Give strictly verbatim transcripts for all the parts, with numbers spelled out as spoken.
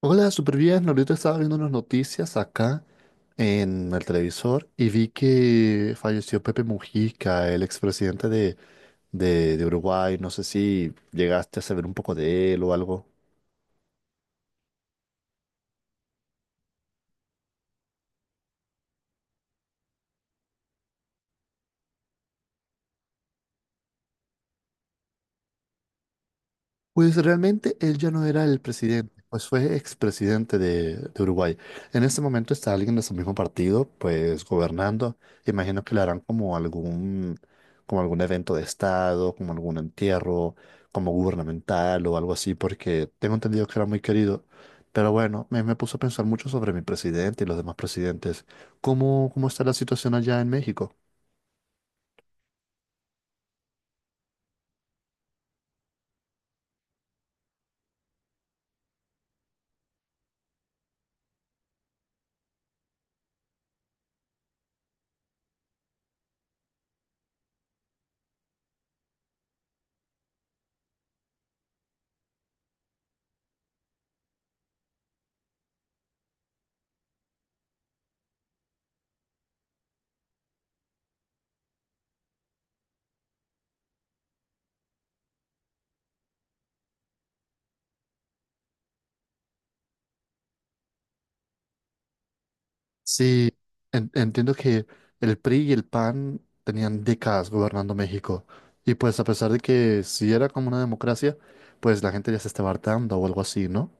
Hola, súper bien. Ahorita estaba viendo unas noticias acá en el televisor y vi que falleció Pepe Mujica, el expresidente de, de, de Uruguay. No sé si llegaste a saber un poco de él o algo. Pues realmente él ya no era el presidente, pues fue expresidente de, de Uruguay. En este momento está alguien de su mismo partido, pues gobernando. Imagino que le harán como algún, como algún evento de estado, como algún entierro, como gubernamental o algo así, porque tengo entendido que era muy querido. Pero bueno, me, me puso a pensar mucho sobre mi presidente y los demás presidentes. ¿Cómo, cómo está la situación allá en México? Sí, en- entiendo que el PRI y el PAN tenían décadas gobernando México y pues a pesar de que sí era como una democracia, pues la gente ya se estaba hartando o algo así, ¿no?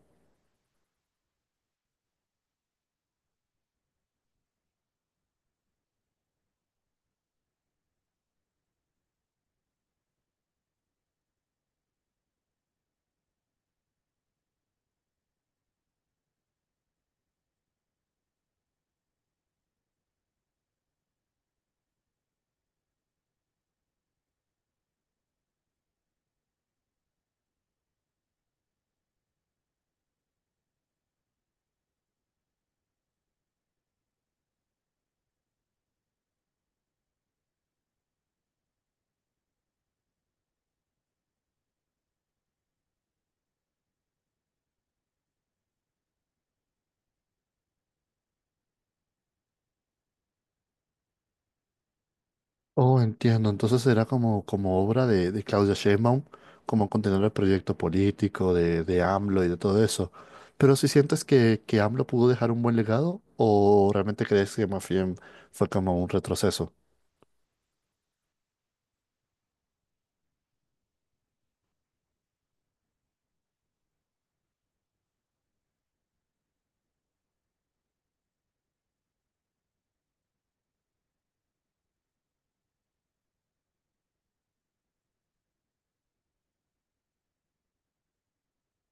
Oh, entiendo, entonces era como, como obra de, de Claudia Sheinbaum, como continuar el proyecto político de, de AMLO y de todo eso. Pero si sientes que, que AMLO pudo dejar un buen legado o realmente crees que más bien fue como un retroceso?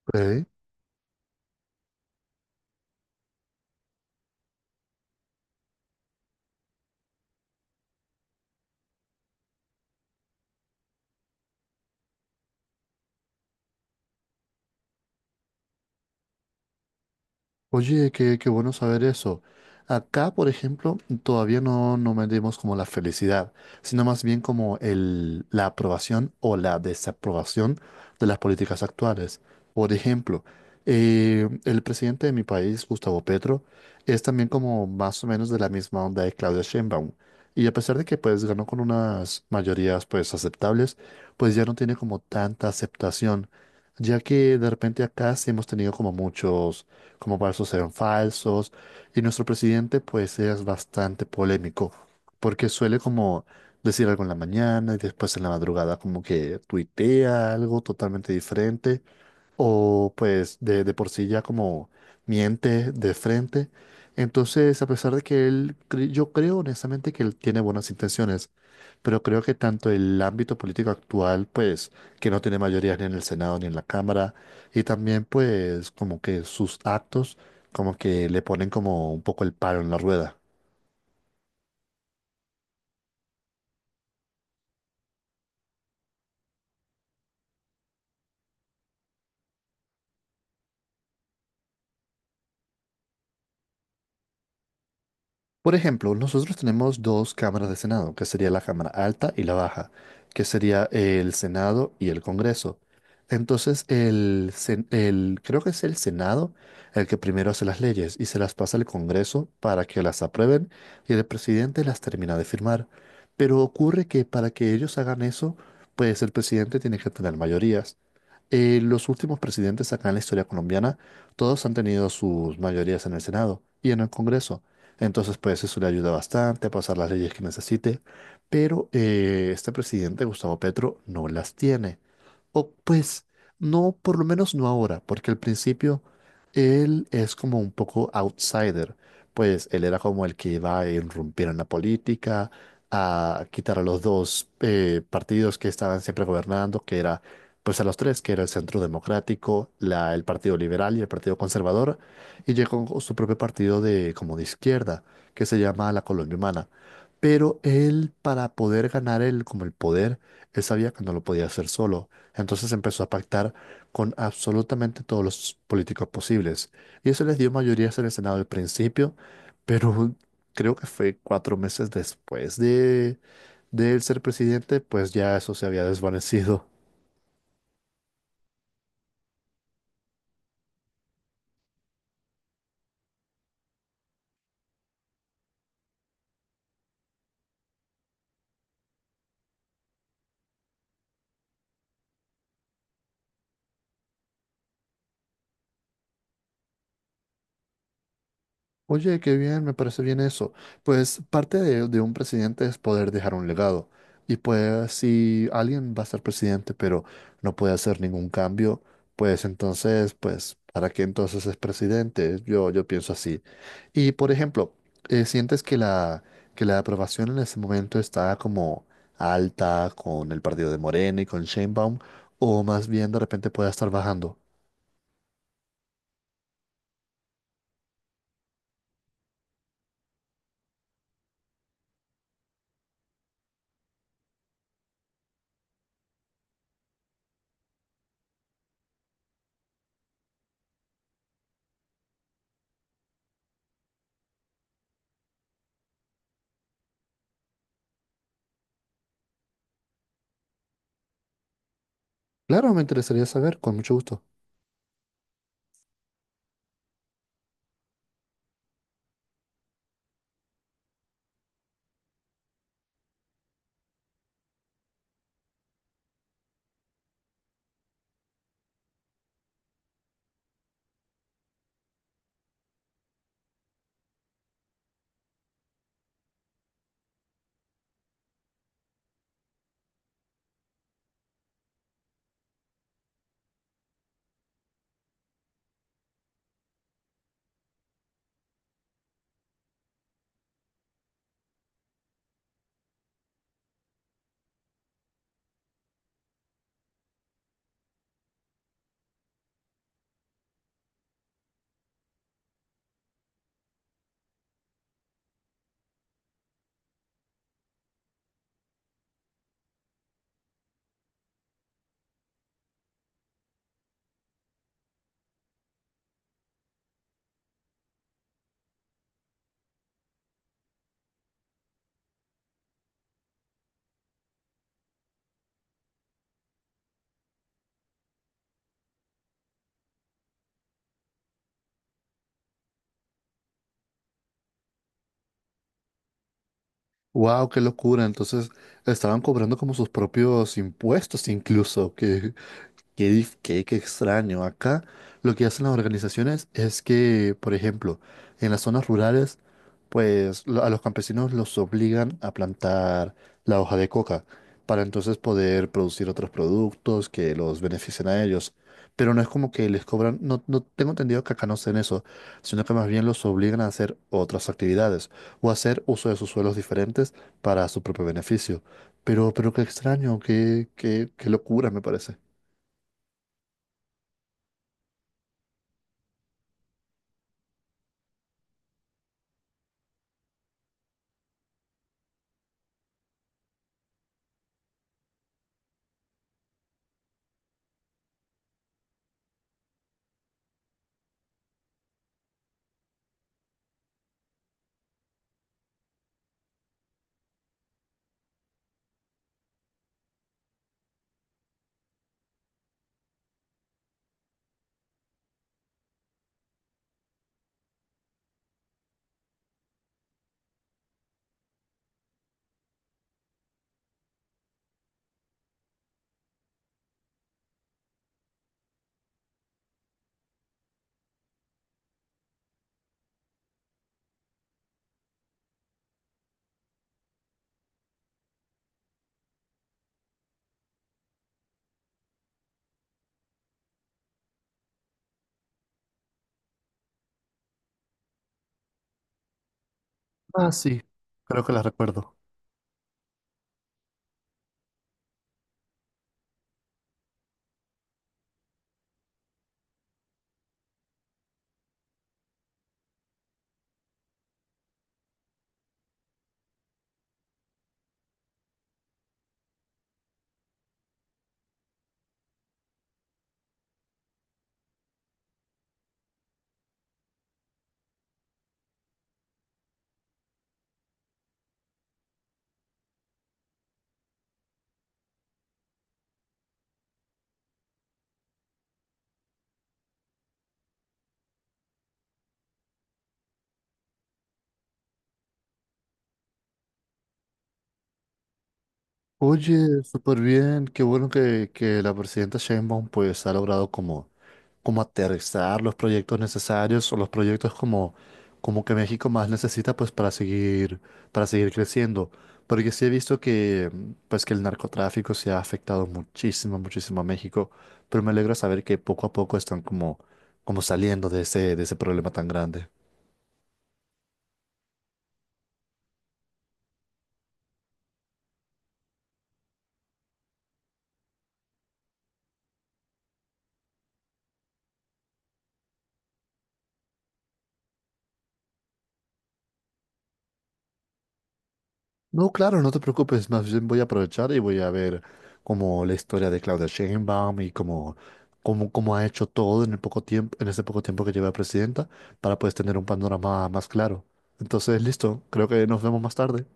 Ok. Oye, qué, qué bueno saber eso. Acá, por ejemplo, todavía no, no medimos como la felicidad, sino más bien como el, la aprobación o la desaprobación de las políticas actuales. Por ejemplo, eh, el presidente de mi país, Gustavo Petro, es también como más o menos de la misma onda de Claudia Sheinbaum. Y a pesar de que pues ganó con unas mayorías pues aceptables, pues ya no tiene como tanta aceptación, ya que de repente acá sí hemos tenido como muchos como falsos eran falsos. Y nuestro presidente pues es bastante polémico, porque suele como decir algo en la mañana y después en la madrugada como que tuitea algo totalmente diferente, o pues de, de por sí ya como miente de frente. Entonces, a pesar de que él, cre- yo creo honestamente que él tiene buenas intenciones, pero creo que tanto el ámbito político actual, pues, que no tiene mayoría ni en el Senado ni en la Cámara, y también, pues, como que sus actos, como que le ponen como un poco el palo en la rueda. Por ejemplo, nosotros tenemos dos cámaras de Senado, que sería la Cámara Alta y la Baja, que sería el Senado y el Congreso. Entonces, el, sen- el- creo que es el Senado el que primero hace las leyes y se las pasa al Congreso para que las aprueben y el presidente las termina de firmar. Pero ocurre que para que ellos hagan eso, pues el presidente tiene que tener mayorías. Eh, los últimos presidentes acá en la historia colombiana, todos han tenido sus mayorías en el Senado y en el Congreso. Entonces, pues eso le ayuda bastante a pasar las leyes que necesite. Pero eh, este presidente, Gustavo Petro, no las tiene. O pues no, por lo menos no ahora, porque al principio él es como un poco outsider, pues él era como el que iba a irrumpir en la política, a quitar a los dos eh, partidos que estaban siempre gobernando, que era, pues a los tres, que era el Centro Democrático, la, el Partido Liberal y el Partido Conservador, y llegó con su propio partido de como de izquierda, que se llama La Colonia Humana. Pero él, para poder ganar el, como el poder, él sabía que no lo podía hacer solo. Entonces empezó a pactar con absolutamente todos los políticos posibles. Y eso les dio mayorías en el Senado al principio, pero creo que fue cuatro meses después de, de él ser presidente, pues ya eso se había desvanecido. Oye, qué bien, me parece bien eso. Pues parte de, de un presidente es poder dejar un legado. Y pues si alguien va a ser presidente pero no puede hacer ningún cambio, pues entonces, pues, ¿para qué entonces es presidente? Yo, yo pienso así. Y por ejemplo, eh, ¿sientes que la, que la aprobación en ese momento está como alta con el partido de Morena y con Sheinbaum? ¿O más bien de repente puede estar bajando? Claro, me interesaría saber, con mucho gusto. Wow, qué locura. Entonces estaban cobrando como sus propios impuestos incluso, que Qué, dif- qué, qué extraño. Acá lo que hacen las organizaciones es que, por ejemplo, en las zonas rurales, pues lo- a los campesinos los obligan a plantar la hoja de coca para entonces poder producir otros productos que los beneficien a ellos. Pero no es como que les cobran, no, no tengo entendido que acá no hacen eso, sino que más bien los obligan a hacer otras actividades o hacer uso de sus suelos diferentes para su propio beneficio. Pero, pero qué extraño, qué, qué, qué locura me parece. Ah, sí, creo que la recuerdo. Oye, súper bien, qué bueno que, que la presidenta Sheinbaum pues ha logrado como, como aterrizar los proyectos necesarios o los proyectos como, como que México más necesita pues para seguir, para seguir creciendo. Porque sí he visto que pues que el narcotráfico se ha afectado muchísimo, muchísimo a México, pero me alegra saber que poco a poco están como, como saliendo de ese, de ese problema tan grande. No, claro, no te preocupes, más bien voy a aprovechar y voy a ver como la historia de Claudia Sheinbaum y cómo, cómo, cómo ha hecho todo en el poco tiempo, en ese poco tiempo que lleva presidenta, para pues tener un panorama más claro. Entonces, listo, creo que nos vemos más tarde.